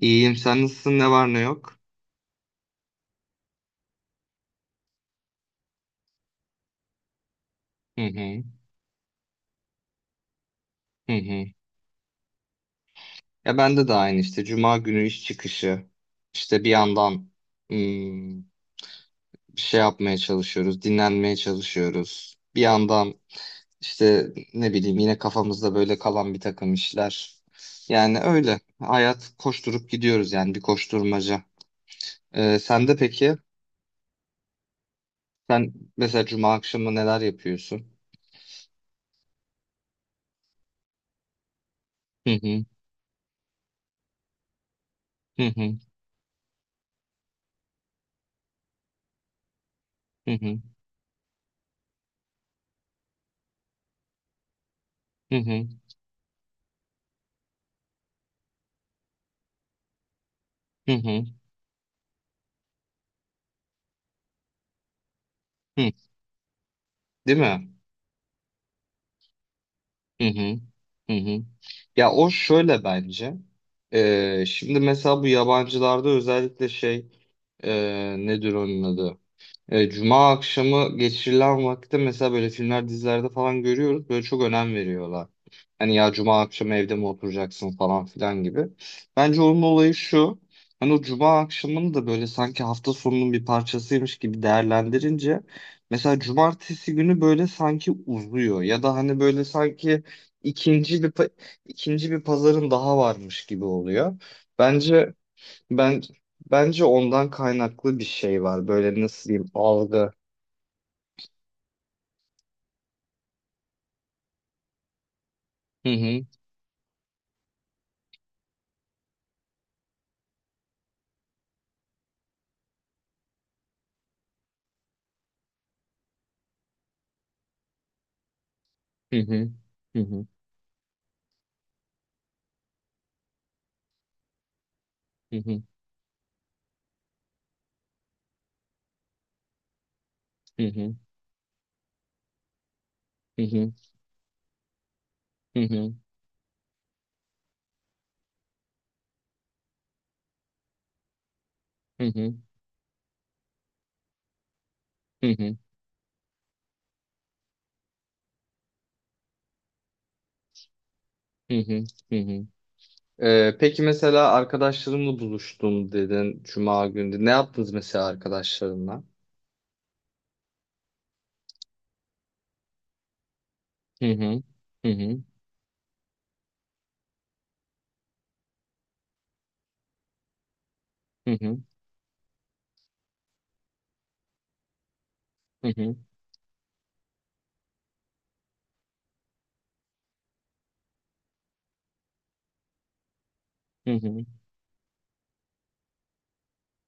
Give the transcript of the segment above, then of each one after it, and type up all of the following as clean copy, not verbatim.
İyiyim. Sen nasılsın? Ne var ne yok? Hı hı. Hı hı. Ya bende de aynı işte. Cuma günü iş çıkışı. İşte bir yandan hmm, bir şey yapmaya çalışıyoruz. Dinlenmeye çalışıyoruz. Bir yandan işte ne bileyim yine kafamızda böyle kalan bir takım işler. Yani öyle. Hayat koşturup gidiyoruz yani bir koşturmaca. Sen de peki? Sen mesela cuma akşamı neler yapıyorsun? Hı hı. Hı hı. Hı hı. Hı hı. Hı hı. Hı. Değil mi? Hı hı. Hı hı. Ya o şöyle bence. Şimdi mesela bu yabancılarda özellikle şey nedir onun adı? Cuma akşamı geçirilen vakitte mesela böyle filmler dizilerde falan görüyoruz. Böyle çok önem veriyorlar. Hani ya Cuma akşamı evde mi oturacaksın falan filan gibi. Bence onun olayı şu. Hani o Cuma akşamını da böyle sanki hafta sonunun bir parçasıymış gibi değerlendirince mesela Cumartesi günü böyle sanki uzuyor ya da hani böyle sanki ikinci bir pa- ikinci bir pazarın daha varmış gibi oluyor. Bence ben bence ondan kaynaklı bir şey var. Böyle nasıl diyeyim algı. Hı hı. Hı hı. Hı hı. Hı hı. Hı hı. Hı hı. Hı hı. Hı hı. Hı hı. Hı hı, hı. Peki mesela arkadaşlarımla buluştum dedin Cuma günü. Ne yaptınız mesela arkadaşlarınla? Hı hı. Hı hı. Hı hı. Hı hı. Hı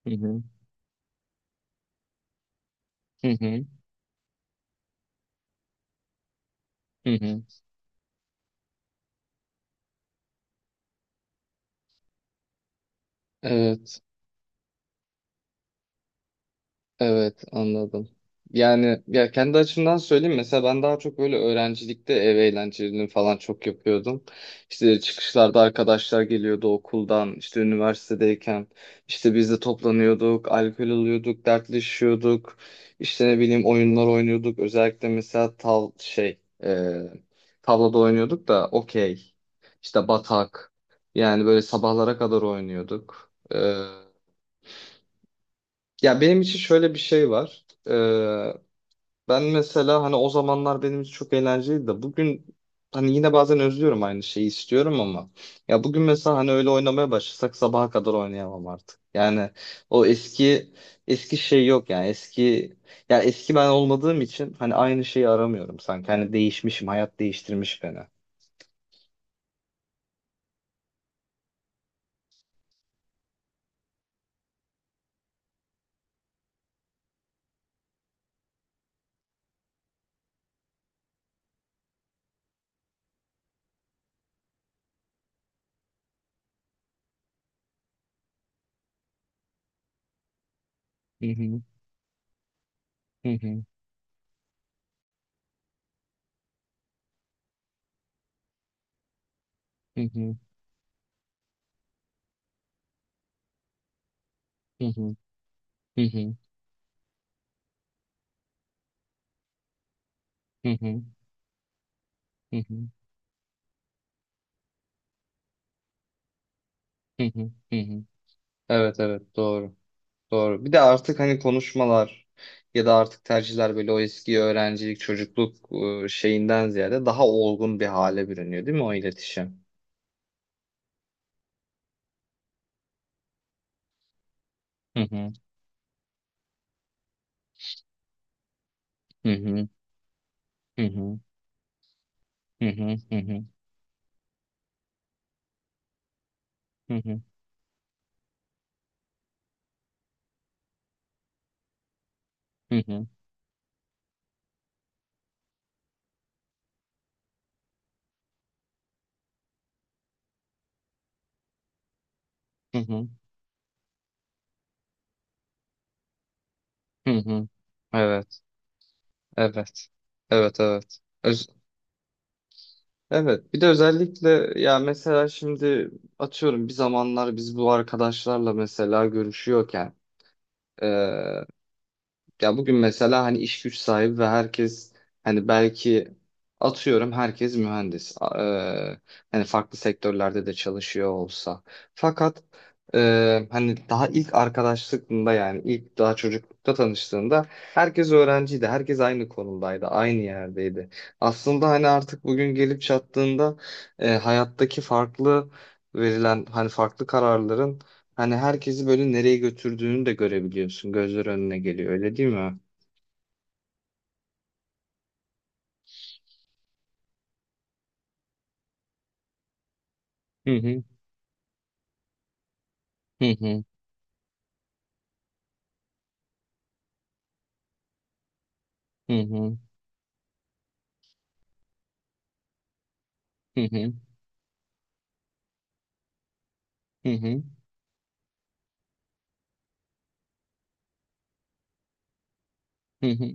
hı. Hı hı. Hı. Evet. Evet, anladım. Yani ya kendi açımdan söyleyeyim mesela ben daha çok böyle öğrencilikte ev eğlencelerini falan çok yapıyordum. İşte çıkışlarda arkadaşlar geliyordu okuldan, işte üniversitedeyken işte biz de toplanıyorduk, alkol alıyorduk, dertleşiyorduk. İşte ne bileyim oyunlar oynuyorduk. Özellikle mesela tavlada oynuyorduk da okey. İşte batak. Yani böyle sabahlara kadar oynuyorduk. Ya benim için şöyle bir şey var. Ben mesela hani o zamanlar benim için çok eğlenceliydi de bugün hani yine bazen özlüyorum aynı şeyi istiyorum ama ya bugün mesela hani öyle oynamaya başlasak sabaha kadar oynayamam artık. Yani o eski eski şey yok yani eski ya eski ben olmadığım için hani aynı şeyi aramıyorum sanki hani değişmişim hayat değiştirmiş beni. Hı hı, hı hı, hı hı, hı hı, hı hı, hı hı, hı hı, hı hı, hı hı. Evet, evet, doğru. Doğru. Bir de artık hani konuşmalar ya da artık tercihler böyle o eski öğrencilik, çocukluk şeyinden ziyade daha olgun bir hale bürünüyor değil mi o iletişim? Hı hı, hı hı, hı hı, hı hı, hı hı, hı hı, hı hı, hı hı, hı. Evet, evet. Evet, evet. Evet, bir de özellikle ya mesela şimdi atıyorum bir zamanlar biz bu arkadaşlarla mesela görüşüyorken ya bugün mesela hani iş güç sahibi ve herkes hani belki atıyorum herkes mühendis. Hani farklı sektörlerde de çalışıyor olsa. Fakat hani daha ilk arkadaşlığında yani ilk daha çocuklukta tanıştığında herkes öğrenciydi. Herkes aynı konumdaydı, aynı yerdeydi. Aslında hani artık bugün gelip çattığında hayattaki farklı verilen hani farklı kararların hani herkesi böyle nereye götürdüğünü de görebiliyorsun. Gözler önüne geliyor öyle değil mi? Hı hı. Hı hı. Hı hı. Hı hı. Hı hı. Hı hı.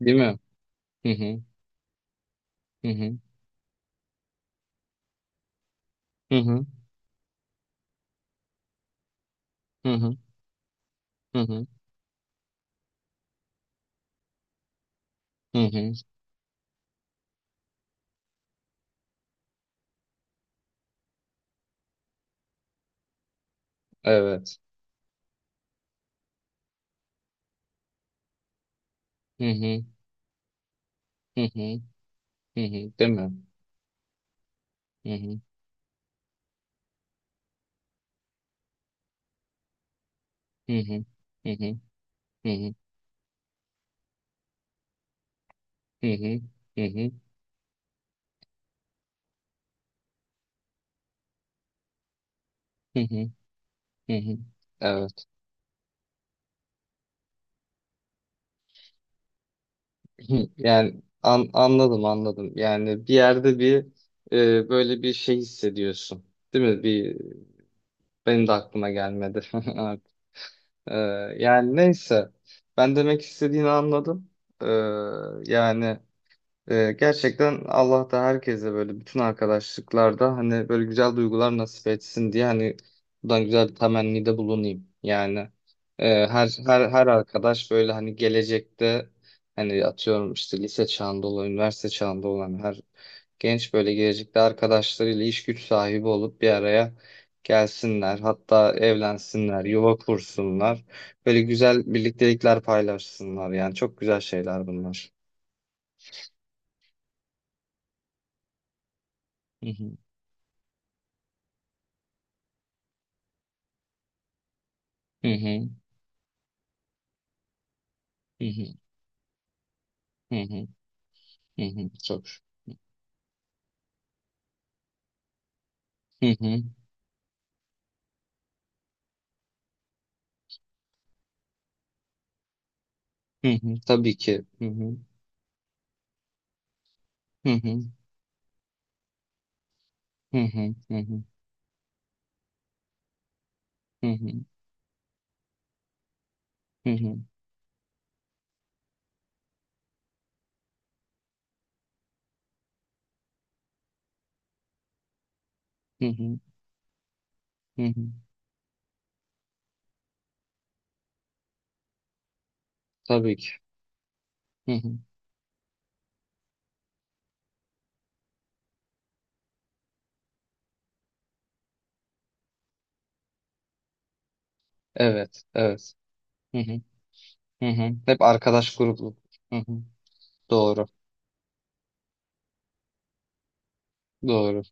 Değil mi? Hı hı. Hı hı. Hı hı. Hı hı. Hı hı. Hı hı. Evet. Hı hı. Hı hı. Hı hı. Değil mi? Hı hı. Hı hı. Hı hı. Hı hı. Hı hı. Hı hı. Hı hı. Hı hı. Evet. Hı. Yani anladım anladım. Yani bir yerde bir böyle bir şey hissediyorsun. Değil mi? Benim de aklıma gelmedi. Evet. Ee, yani neyse. Ben demek istediğini anladım. Ee, yani gerçekten Allah da herkese böyle bütün arkadaşlıklarda hani böyle güzel duygular nasip etsin diye hani buradan güzel bir temennide bulunayım. Yani her arkadaş böyle hani gelecekte hani atıyorum işte lise çağında olan, üniversite çağında olan her genç böyle gelecekte arkadaşlarıyla iş güç sahibi olup bir araya gelsinler. Hatta evlensinler, yuva kursunlar. Böyle güzel birliktelikler paylaşsınlar. Yani çok güzel şeyler bunlar. Hı hı. Hı hı. Hı hı, hı hı, hı hı. Çok. Hı hı, hı hı. Tabii ki. Hı hı, hı hı, hı hı, hı hı, hı hı, hı hı, hı hı, hı hı. Tabii ki. Hı hı. Evet, evet. Hı hı, hı hı. Hep arkadaş grubu. Hı hı. Doğru, doğru.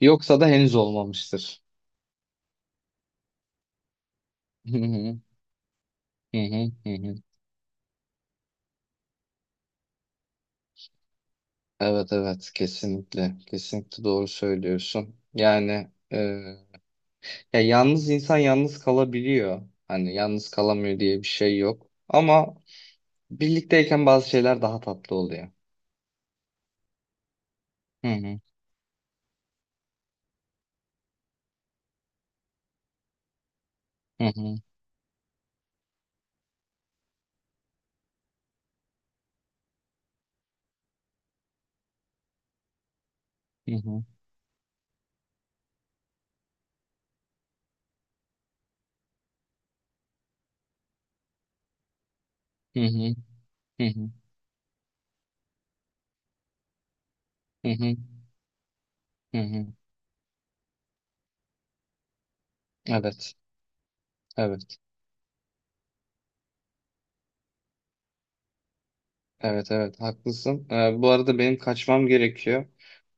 Yoksa da henüz olmamıştır. Hı hı, hı hı, hı hı. Evet, evet. Kesinlikle, kesinlikle doğru söylüyorsun. Yani. Ya yalnız insan yalnız kalabiliyor. Hani yalnız kalamıyor diye bir şey yok. Ama birlikteyken bazı şeyler daha tatlı oluyor. Hı hı. Hı hı. Hı hı. Hı hı. Hı hı. Hı hı. Hı hı. Evet. Evet. Evet. Evet. Haklısın. Bu arada benim kaçmam gerekiyor.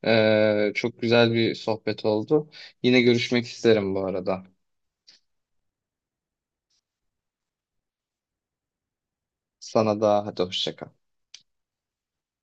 Çok güzel bir sohbet oldu. Yine görüşmek isterim bu arada. Sana da hadi hoşça kal.